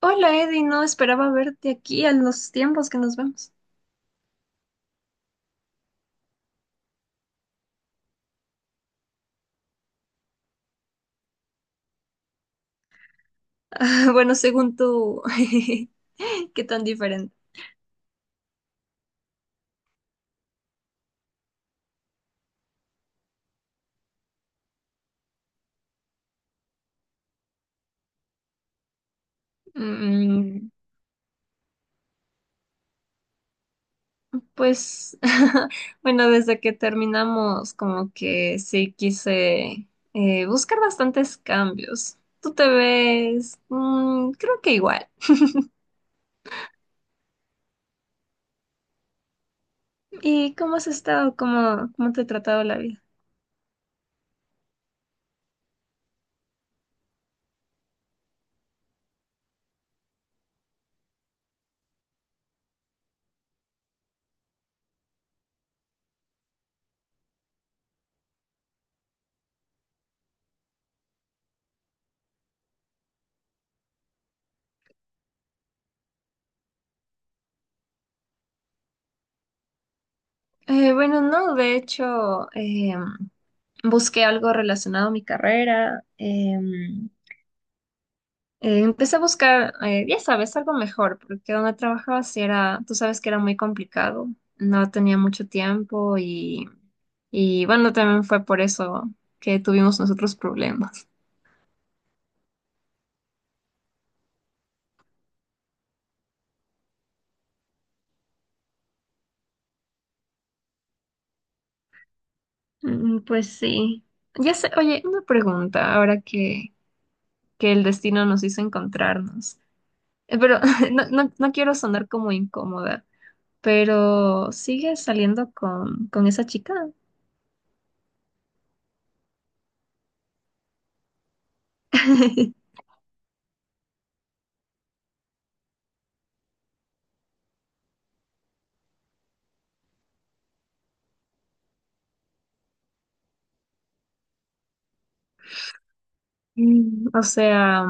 Hola Eddie, no esperaba verte aquí a los tiempos que nos vemos. Bueno, según tú, qué tan diferente. Mm, pues, bueno, desde que terminamos, como que sí quise buscar bastantes cambios. Tú te ves, mm, creo que igual. ¿Y cómo has estado? ¿Cómo te ha tratado la vida? Bueno, no, de hecho, busqué algo relacionado a mi carrera. Empecé a buscar, ya sabes, algo mejor, porque donde trabajaba sí era, tú sabes que era muy complicado, no tenía mucho tiempo y bueno, también fue por eso que tuvimos nosotros problemas. Mm, pues sí. Ya sé, oye, una pregunta, ahora que el destino nos hizo encontrarnos. Pero no quiero sonar como incómoda, pero ¿sigues saliendo con esa chica? Mm. O sea,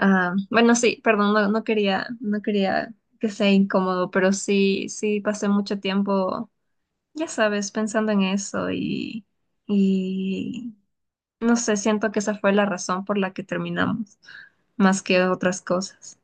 ah, bueno, sí, perdón, no quería que sea incómodo, pero sí, sí pasé mucho tiempo, ya sabes, pensando en eso y no sé, siento que esa fue la razón por la que terminamos, más que otras cosas.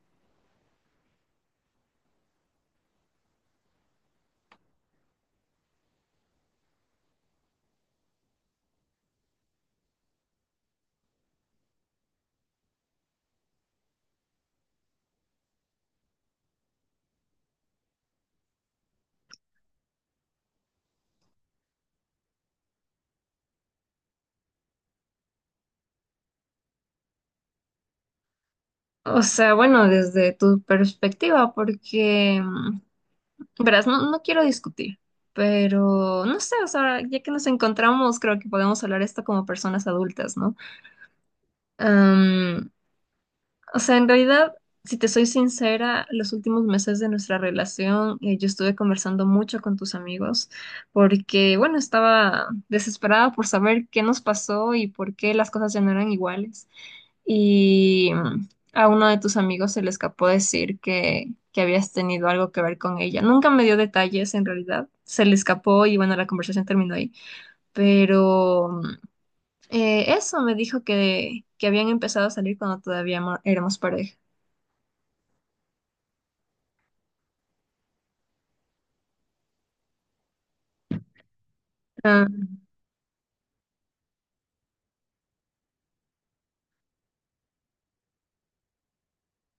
O sea, bueno, desde tu perspectiva, porque, mm, verás, no quiero discutir, pero no sé, o sea, ya que nos encontramos, creo que podemos hablar esto como personas adultas, ¿no? O sea, en realidad, si te soy sincera, los últimos meses de nuestra relación, yo estuve conversando mucho con tus amigos porque, bueno, estaba desesperada por saber qué nos pasó y por qué las cosas ya no eran iguales. Y mm, a uno de tus amigos se le escapó decir que habías tenido algo que ver con ella. Nunca me dio detalles, en realidad. Se le escapó y, bueno, la conversación terminó ahí. Pero mm, eso me dijo que habían empezado a salir cuando todavía éramos pareja. Ah,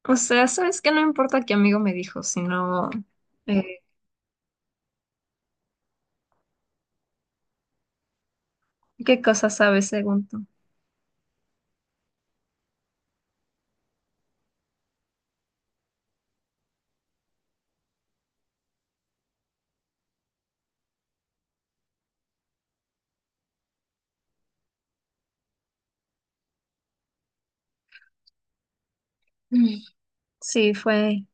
o sea, sabes que no importa qué amigo me dijo, sino eh, qué cosas sabes según tú. Mm. Sí, fue.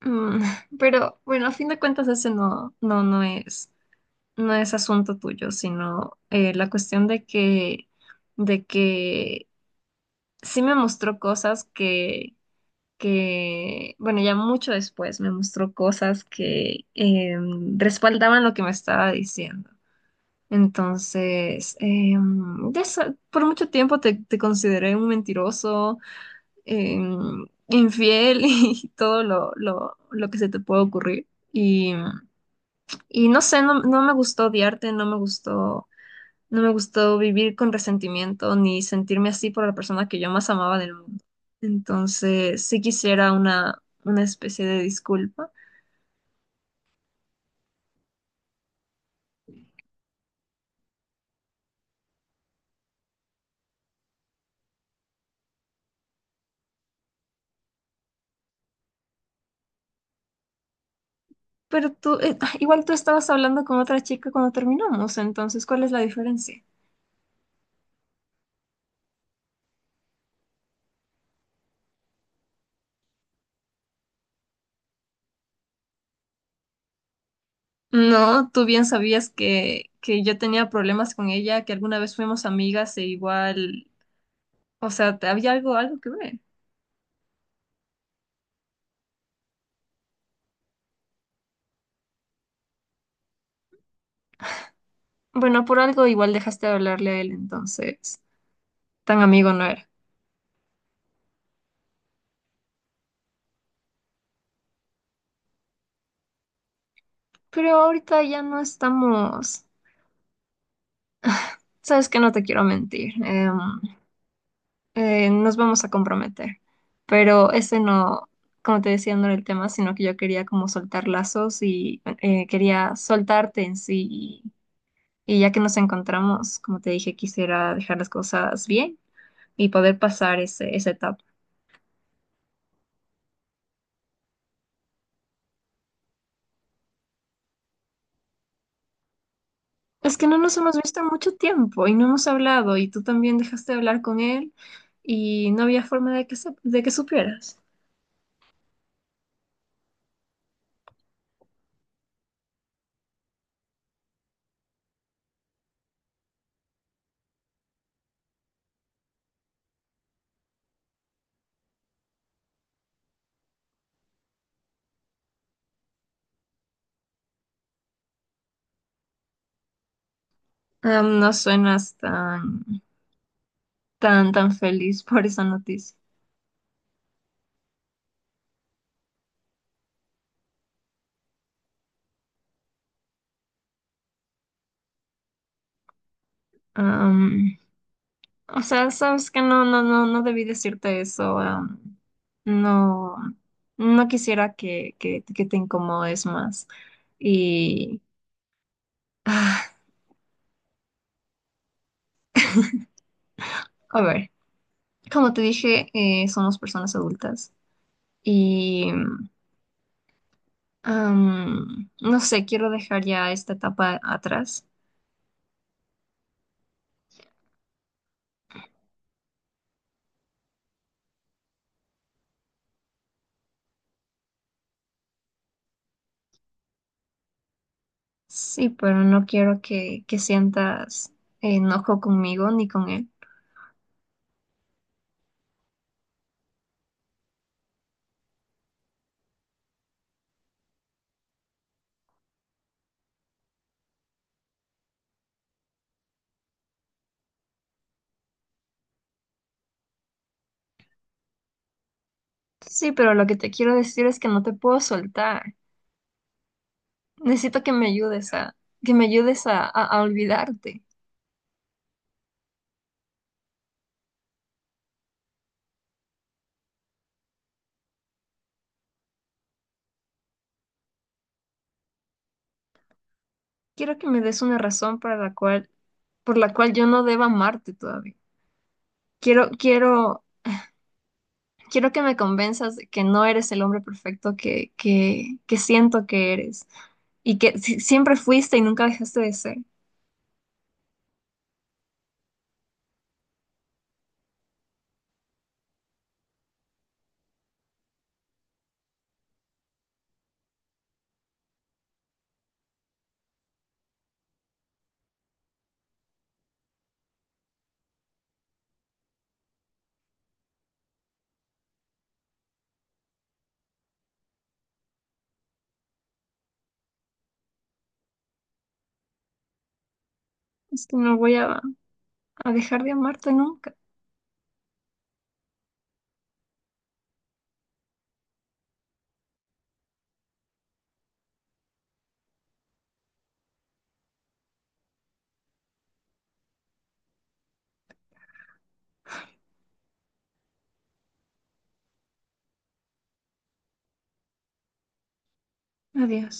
Mm, pero bueno, a fin de cuentas ese no es asunto tuyo, sino la cuestión de que sí me mostró cosas bueno, ya mucho después me mostró cosas que respaldaban lo que me estaba diciendo. Entonces, de por mucho tiempo te consideré un mentiroso, infiel y todo lo que se te puede ocurrir. Y, y no sé, no, no me gustó odiarte, no me gustó, no me gustó vivir con resentimiento ni sentirme así por la persona que yo más amaba del mundo. Entonces, sí quisiera una especie de disculpa. Pero tú, igual tú estabas hablando con otra chica cuando terminamos, entonces, ¿cuál es la diferencia? No, tú bien sabías que yo tenía problemas con ella, que alguna vez fuimos amigas e igual, o sea, había algo, algo que ver. Bueno, por algo igual dejaste de hablarle a él, entonces tan amigo no era. Pero ahorita ya no estamos, sabes que no te quiero mentir, nos vamos a comprometer, pero ese no, como te decía, no era el tema, sino que yo quería como soltar lazos y quería soltarte en sí. Y ya que nos encontramos, como te dije, quisiera dejar las cosas bien y poder pasar ese, esa etapa. Es que no nos hemos visto en mucho tiempo y no hemos hablado y tú también dejaste de hablar con él y no había forma de que, de que supieras. Am, no suenas tan feliz por esa noticia. Am, o sea, sabes que no debí decirte eso. Am, no, no quisiera que te incomodes más. Y... A ver, como te dije, somos personas adultas y am, no sé, quiero dejar ya esta etapa atrás. Sí, pero no quiero que sientas enojo conmigo ni con él. Sí, pero lo que te quiero decir es que no te puedo soltar. Necesito que me ayudes a olvidarte. Quiero que me des una razón para la cual, por la cual yo no deba amarte todavía. Quiero, quiero quiero que me convenzas de que no eres el hombre perfecto que siento que eres y que siempre fuiste y nunca dejaste de ser. Es que no voy a dejar de amarte nunca. Adiós.